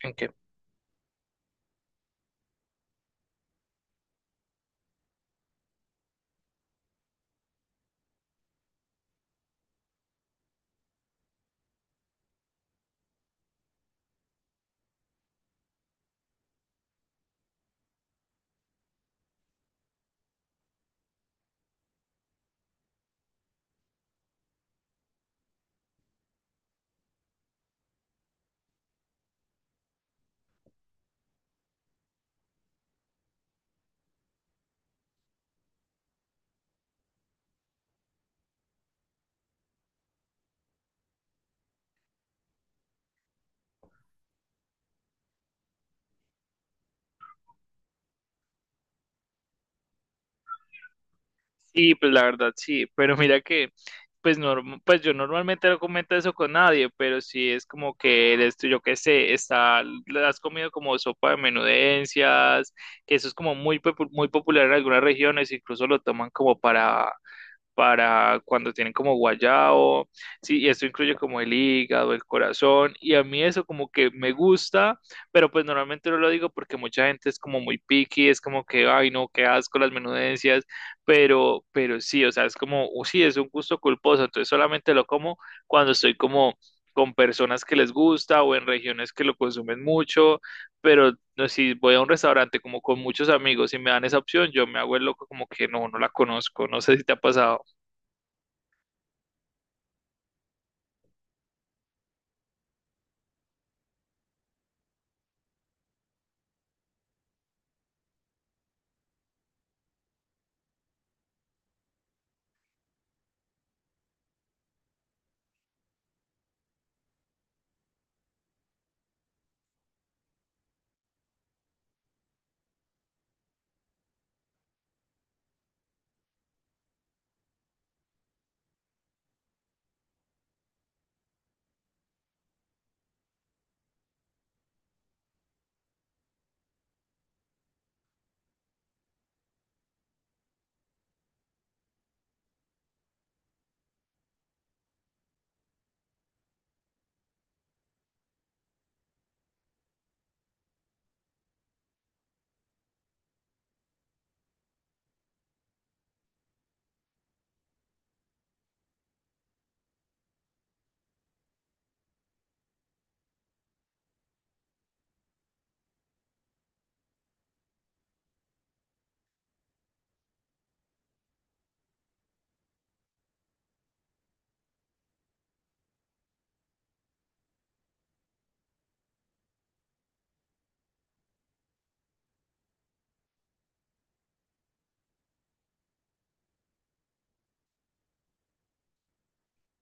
¿En qué? Sí, pues la verdad sí, pero mira que, pues, pues yo normalmente no comento eso con nadie, pero sí es como que eres tú, yo qué sé, está, le has comido como sopa de menudencias, que eso es como muy, muy popular en algunas regiones, incluso lo toman como para cuando tienen como guayao, sí, y esto incluye como el hígado, el corazón, y a mí eso como que me gusta, pero pues normalmente no lo digo porque mucha gente es como muy picky, es como que, ay no, qué asco las menudencias, pero, sí, o sea, es como, "Oh, sí, es un gusto culposo", entonces solamente lo como cuando estoy como con personas que les gusta o en regiones que lo consumen mucho, pero no, si voy a un restaurante como con muchos amigos y me dan esa opción, yo me hago el loco como que no, no la conozco, no sé si te ha pasado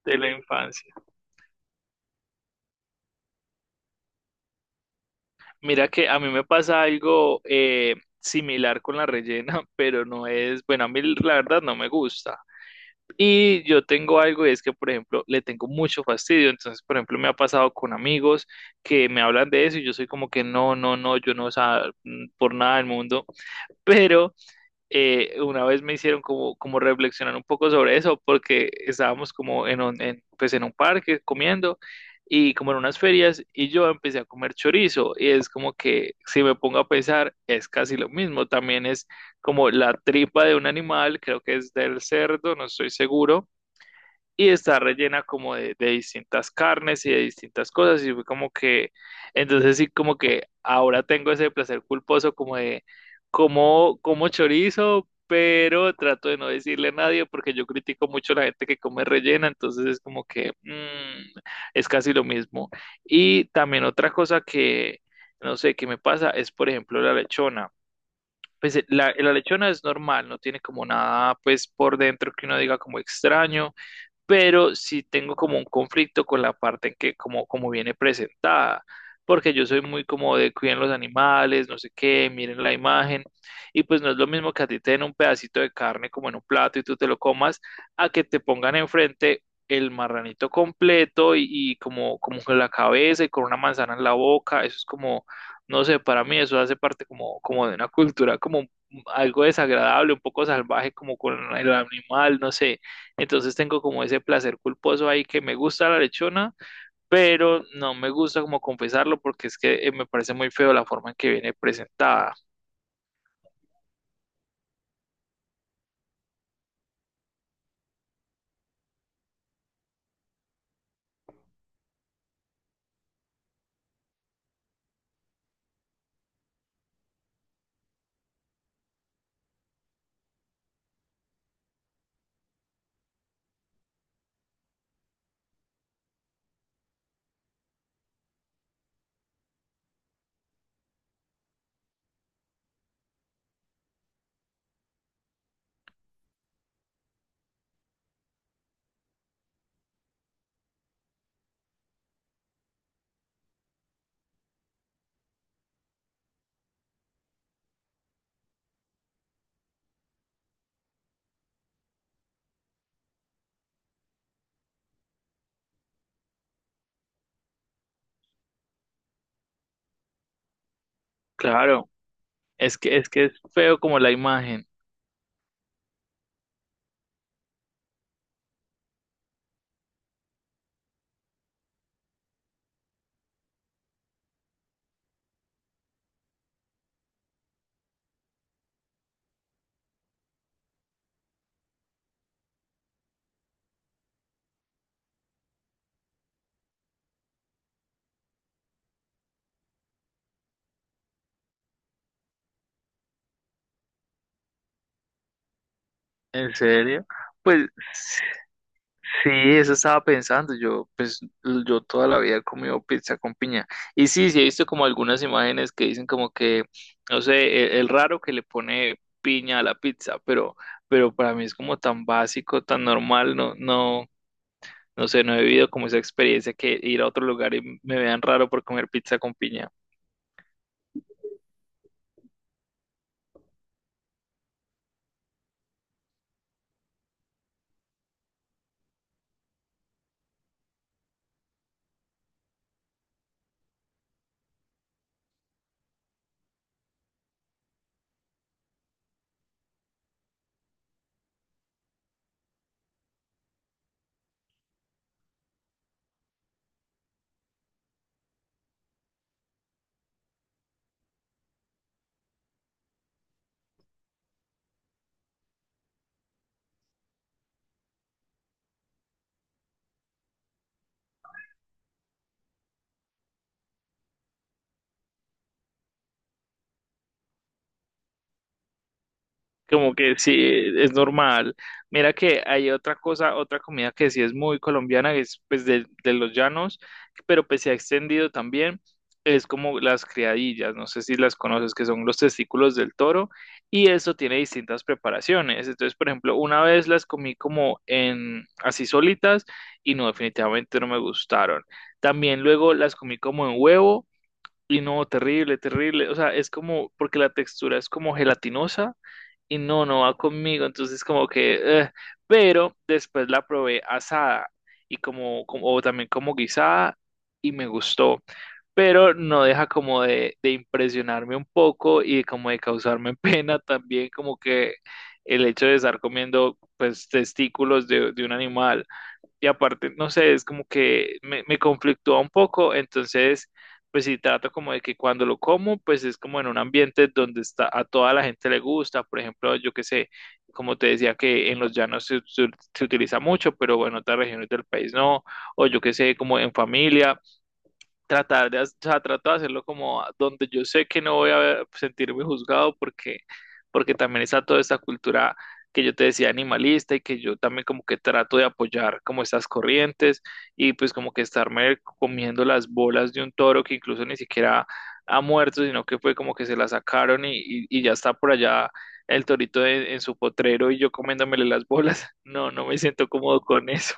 de la infancia. Mira que a mí me pasa algo similar con la rellena, pero no es, bueno, a mí la verdad no me gusta. Y yo tengo algo y es que, por ejemplo, le tengo mucho fastidio. Entonces, por ejemplo, me ha pasado con amigos que me hablan de eso y yo soy como que no, no, no, yo no, o sea, mm, por nada del mundo. Pero una vez me hicieron como, como reflexionar un poco sobre eso, porque estábamos como pues en un parque comiendo y como en unas ferias, y yo empecé a comer chorizo y es como que si me pongo a pensar es casi lo mismo, también es como la tripa de un animal, creo que es del cerdo, no estoy seguro, y está rellena como de, distintas carnes y de distintas cosas, y fue como que, entonces sí, como que ahora tengo ese placer culposo como de, como, como chorizo, pero trato de no decirle a nadie porque yo critico mucho a la gente que come rellena, entonces es como que mm, es casi lo mismo. Y también otra cosa que, no sé, que me pasa es, por ejemplo, la lechona. Pues la lechona es normal, no tiene como nada, pues por dentro que uno diga como extraño, pero sí tengo como un conflicto con la parte en que como, como viene presentada, porque yo soy muy como de cuiden los animales, no sé qué, miren la imagen, y pues no es lo mismo que a ti te den un pedacito de carne como en un plato y tú te lo comas, a que te pongan enfrente el marranito completo y como, como con la cabeza y con una manzana en la boca, eso es como, no sé, para mí eso hace parte como, como de una cultura como algo desagradable, un poco salvaje como con el animal, no sé. Entonces tengo como ese placer culposo ahí que me gusta la lechona, pero no me gusta como confesarlo porque es que me parece muy feo la forma en que viene presentada. Claro, es que es feo como la imagen. ¿En serio? Pues sí, eso estaba pensando. Yo, pues, yo toda la vida he comido pizza con piña. Y sí, sí he visto como algunas imágenes que dicen como que, no sé, el raro que le pone piña a la pizza, pero para mí es como tan básico, tan normal, no, no. No sé, no he vivido como esa experiencia que ir a otro lugar y me vean raro por comer pizza con piña. Como que sí, es normal. Mira que hay otra cosa, otra comida que sí es muy colombiana, que es pues de, los llanos, pero pues se ha extendido también, es como las criadillas, no sé si las conoces, que son los testículos del toro, y eso tiene distintas preparaciones. Entonces, por ejemplo, una vez las comí como en así solitas y no, definitivamente no me gustaron. También luego las comí como en huevo. Y no, terrible, terrible. O sea, es como, porque la textura es como gelatinosa, y no, no va conmigo, entonces como que, pero después la probé asada y como, o también como guisada y me gustó, pero no deja como de, impresionarme un poco y como de causarme pena también, como que el hecho de estar comiendo pues testículos de, un animal y aparte, no sé, es como que me conflictúa un poco, entonces, pues sí, trato como de que cuando lo como, pues es como en un ambiente donde está, a toda la gente le gusta, por ejemplo, yo qué sé, como te decía que en los llanos se utiliza mucho, pero en otras regiones del país no, o yo qué sé, como en familia, tratar de, o sea, trato de hacerlo como donde yo sé que no voy a sentirme juzgado porque, porque también está toda esta cultura que yo te decía animalista y que yo también como que trato de apoyar como estas corrientes, y pues como que estarme comiendo las bolas de un toro que incluso ni siquiera ha muerto, sino que fue como que se la sacaron y, y ya está por allá el torito en su potrero y yo comiéndomele las bolas. No, no me siento cómodo con eso.